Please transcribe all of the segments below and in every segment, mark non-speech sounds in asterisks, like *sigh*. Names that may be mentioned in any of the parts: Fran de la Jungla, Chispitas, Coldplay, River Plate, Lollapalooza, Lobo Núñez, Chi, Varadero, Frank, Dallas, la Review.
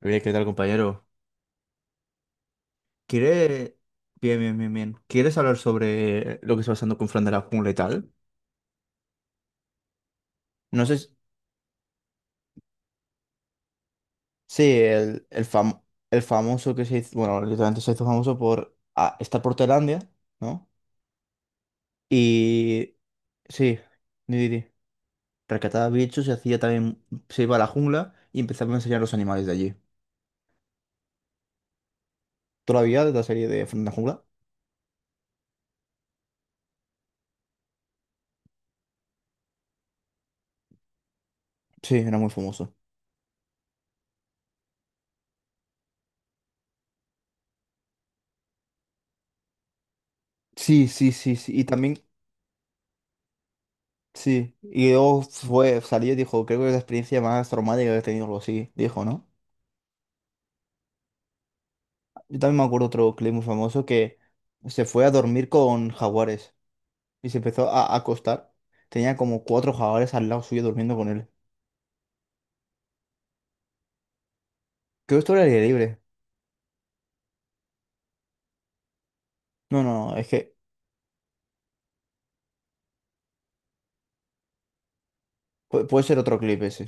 Bien, ¿qué tal, compañero? ¿Quiere... Bien, bien, bien, bien. ¿Quieres hablar sobre lo que está pasando con Fran de la Jungla y tal? No sé si... Sí, el famoso que se hizo... Bueno, literalmente se hizo famoso por estar por Tailandia, ¿no? Y... Sí, ni di, di. Rescataba bichos y hacía también... Se iba a la jungla y empezaba a enseñar los animales de allí. Todavía de la serie de Fran de la Jungla. Sí, era muy famoso. Sí, sí, sí, sí. Y también, sí, y luego fue, salió y dijo, creo que es la experiencia más traumática que he tenido, algo así, dijo, ¿no? Yo también me acuerdo otro clip muy famoso que se fue a dormir con jaguares y se empezó a acostar. Tenía como cuatro jaguares al lado suyo durmiendo con él. Creo que esto era al aire libre. No, no, no, es que puede ser otro clip ese.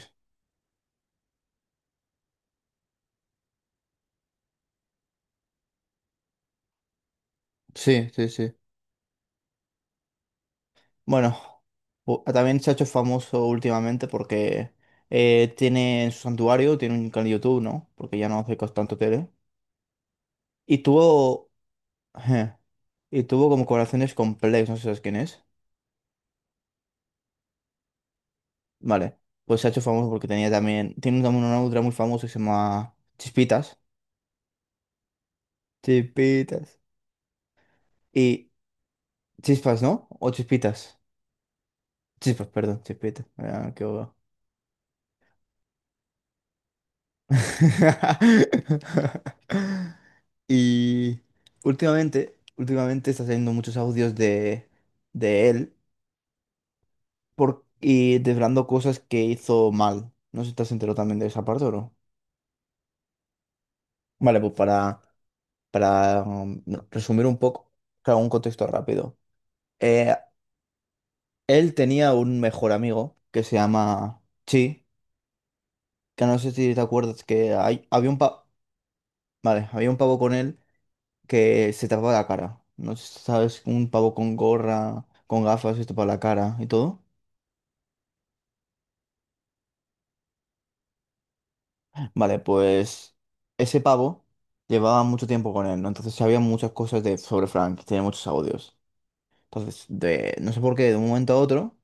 Sí, sí, sí. Bueno, también se ha hecho famoso últimamente porque tiene en su santuario, tiene un canal de YouTube, ¿no? Porque ya no hace tanto tele. Y tuvo ajá. Y tuvo como colaboraciones con Plex, no sé si sabes quién es. Vale, pues se ha hecho famoso porque tenía también, tiene también una otra muy famosa que se llama Chispitas. Chispitas. Y Chispas, ¿no? O Chispitas. Chispas, perdón, Chispitas. Ah, qué bobo. *laughs* Y últimamente, últimamente está saliendo muchos audios de él por, y desvelando cosas que hizo mal. No sé si estás enterado también de esa parte o no. Vale, pues para resumir un poco, claro, un contexto rápido. Eh, él tenía un mejor amigo que se llama Chi, que no sé si te acuerdas que había un vale, había un pavo con él que se tapaba la cara. No sé si sabes, un pavo con gorra, con gafas, se tapaba la cara y todo. Vale, pues ese pavo llevaba mucho tiempo con él, ¿no? Entonces sabía muchas cosas de, sobre Frank, tenía muchos audios. Entonces, de, no sé por qué, de un momento a otro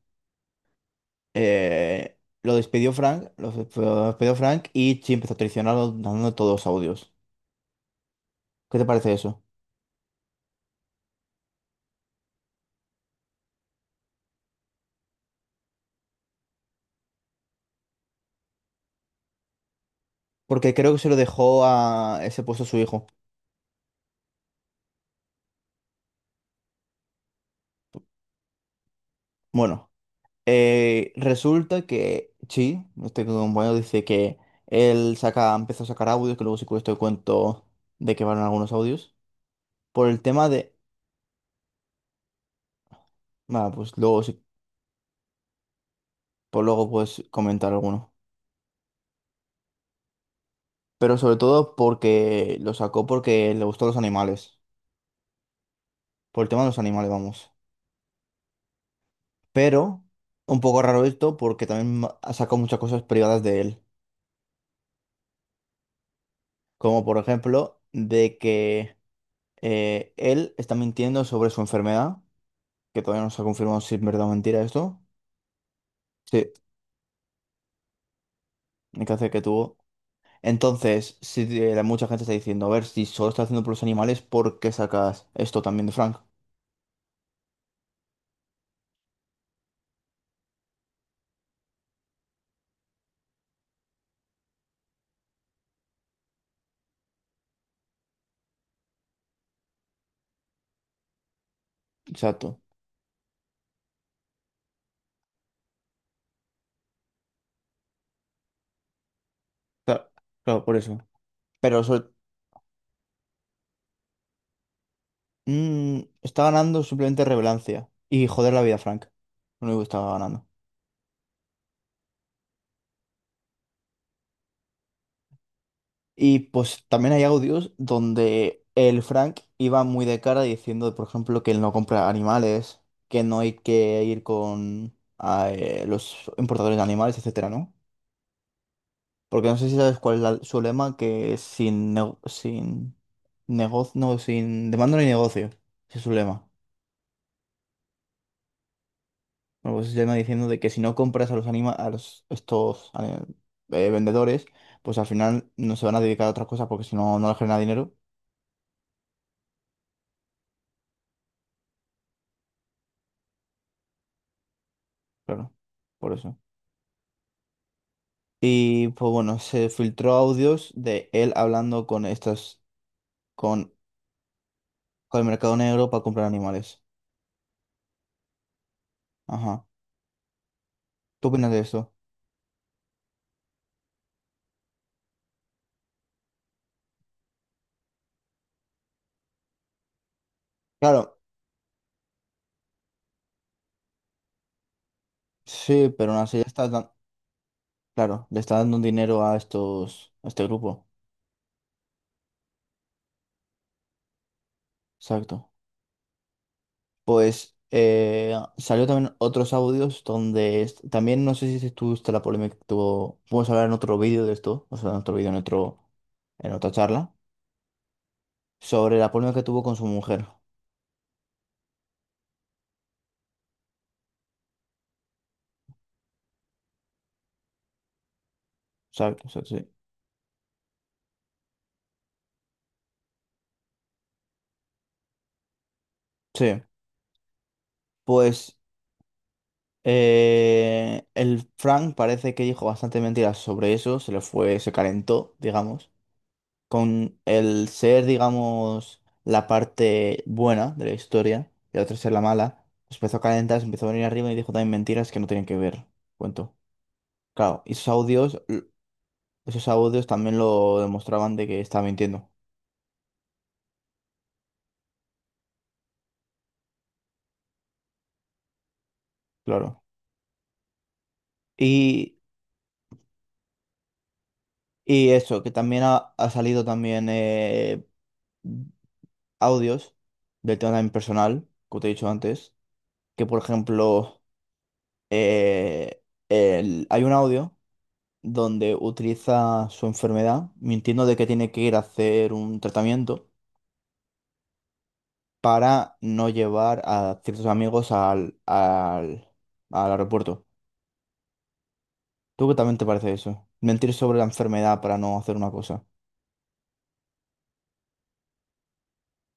eh, lo despidió Frank, lo despidió Frank y Chi empezó a traicionarlo dando todos los audios. ¿Qué te parece eso? Porque creo que se lo dejó a ese puesto a su hijo. Bueno, resulta que Chi, este compañero, dice que él saca, empezó a sacar audios, que luego sí esto cuento de que van algunos audios. Por el tema de. Bueno, pues luego sí, por luego puedes comentar alguno. Pero sobre todo porque lo sacó porque le gustó los animales. Por el tema de los animales, vamos. Pero un poco raro esto porque también ha sacado muchas cosas privadas de él, como por ejemplo de que él está mintiendo sobre su enfermedad, que todavía no se ha confirmado si es verdad o mentira esto. Sí, el cáncer que tuvo. Entonces, si mucha gente está diciendo, a ver, si solo está haciendo por los animales, ¿por qué sacas esto también de Frank? Exacto. Claro, claro, por eso. Pero sobre- Está ganando simplemente relevancia y joder la vida a Frank. Lo único que estaba ganando. Y pues también hay audios donde el Frank iba muy de cara diciendo, por ejemplo, que él no compra animales, que no hay que ir con los importadores de animales, etcétera, ¿no? Porque no sé si sabes cuál es su lema, que es sin negocio, no, sin demanda ni negocio. Ese es su lema. Bueno, pues se llama diciendo de que si no compras a los estos vendedores, pues al final no se van a dedicar a otras cosas porque si no, no les genera dinero. Claro, por eso. Y pues bueno, se filtró audios de él hablando con estas, con, con el mercado negro para comprar animales. Ajá. ¿Tú opinas de eso? Claro, sí, pero aún así le estás dando, claro, le está dando dinero a estos, a este grupo. Exacto. Pues salió también otros audios donde también no sé si tú viste la polémica que tuvo. Podemos hablar en otro vídeo de esto, o sea, en otro vídeo, en otro, en otra charla, sobre la polémica que tuvo con su mujer. Exacto, exacto, sí. Sí. Pues eh, el Frank parece que dijo bastante mentiras sobre eso, se le fue, se calentó, digamos, con el ser, digamos, la parte buena de la historia y el otro ser la mala, se empezó a calentar, se empezó a venir arriba y dijo también mentiras que no tenían que ver, cuento. Claro, y esos audios, esos audios también lo demostraban de que estaba mintiendo, claro. Y, y eso, que también ha salido también audios del tema también personal, como te he dicho antes que por ejemplo eh, hay un audio donde utiliza su enfermedad mintiendo de que tiene que ir a hacer un tratamiento para no llevar a ciertos amigos al, al, al aeropuerto. ¿Tú qué también te parece eso? Mentir sobre la enfermedad para no hacer una cosa.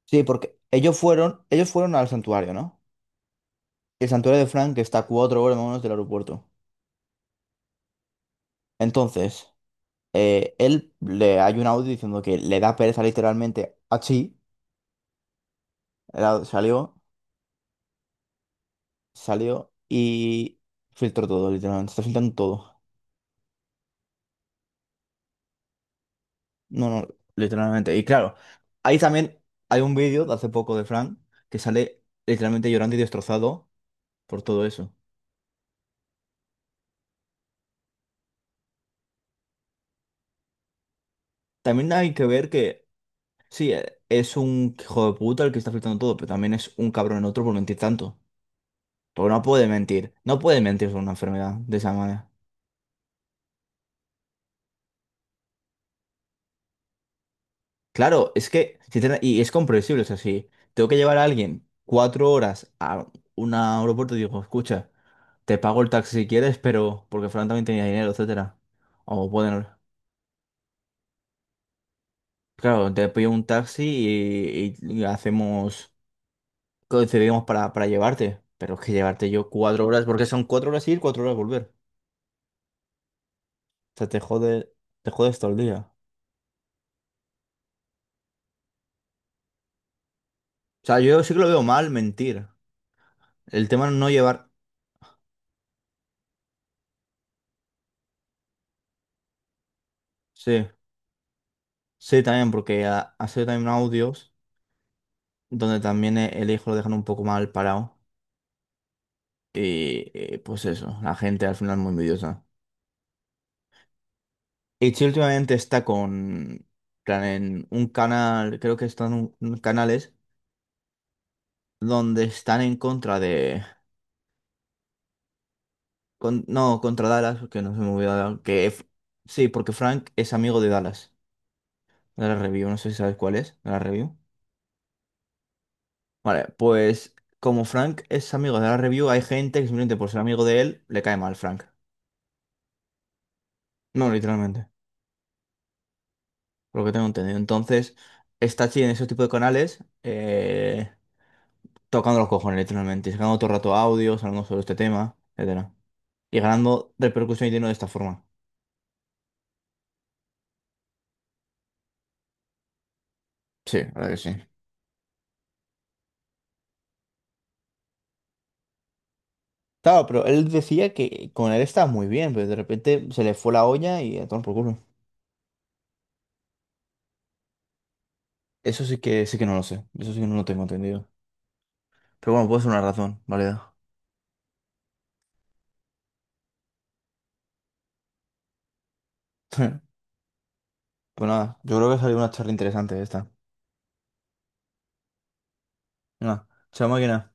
Sí, porque ellos fueron al santuario, ¿no? El santuario de Frank está a 4 horas más o menos del aeropuerto. Entonces, él le hay un audio diciendo que le da pereza literalmente a Chi. Era- salió, salió y filtró todo, literalmente. Está filtrando todo. No, no, literalmente. Y claro, ahí también hay un vídeo de hace poco de Frank que sale literalmente llorando y destrozado por todo eso. También hay que ver que, sí, es un hijo de puta el que está filtrando todo, pero también es un cabrón en otro por mentir tanto. Porque no puede mentir. No puede mentir sobre una enfermedad de esa manera. Claro, es que, y es comprensible, o sea, si tengo que llevar a alguien 4 horas a un aeropuerto, digo, escucha, te pago el taxi si quieres, pero porque Fran también tenía dinero, etcétera. O pueden, claro, te pido un taxi y hacemos, coincidimos para llevarte, pero es que llevarte yo 4 horas, porque son 4 horas ir, 4 horas volver. O sea, te jode, te jodes todo el día. O sea, yo sí que lo veo mal mentir. El tema no llevar, sí, sí, también, porque ha sido también audios. Donde también el hijo lo dejan un poco mal parado. Y pues eso, la gente al final es muy envidiosa. Y Chi últimamente está con, plan, en un canal, creo que están un canales donde están en contra de, no, contra Dallas, porque no se me olvidó, sí, porque Frank es amigo de Dallas, de la Review, no sé si sabes cuál es, de la Review. Vale, pues como Frank es amigo de la Review, hay gente que simplemente por ser amigo de él le cae mal Frank. No, literalmente, por lo que tengo entendido. Entonces, está así en esos tipos de canales tocando los cojones, literalmente, sacando todo el rato audios, hablando sobre este tema, etcétera. Y ganando repercusión y dinero de esta forma. Sí, la verdad que sí. Claro, pero él decía que con él estaba muy bien, pero de repente se le fue la olla y a tomar por culo. Eso sí que no lo sé. Eso sí que no lo tengo entendido. Pero bueno, puede ser una razón válida. *laughs* Pues nada, yo creo que salió una charla interesante esta. Venga, chao máquina.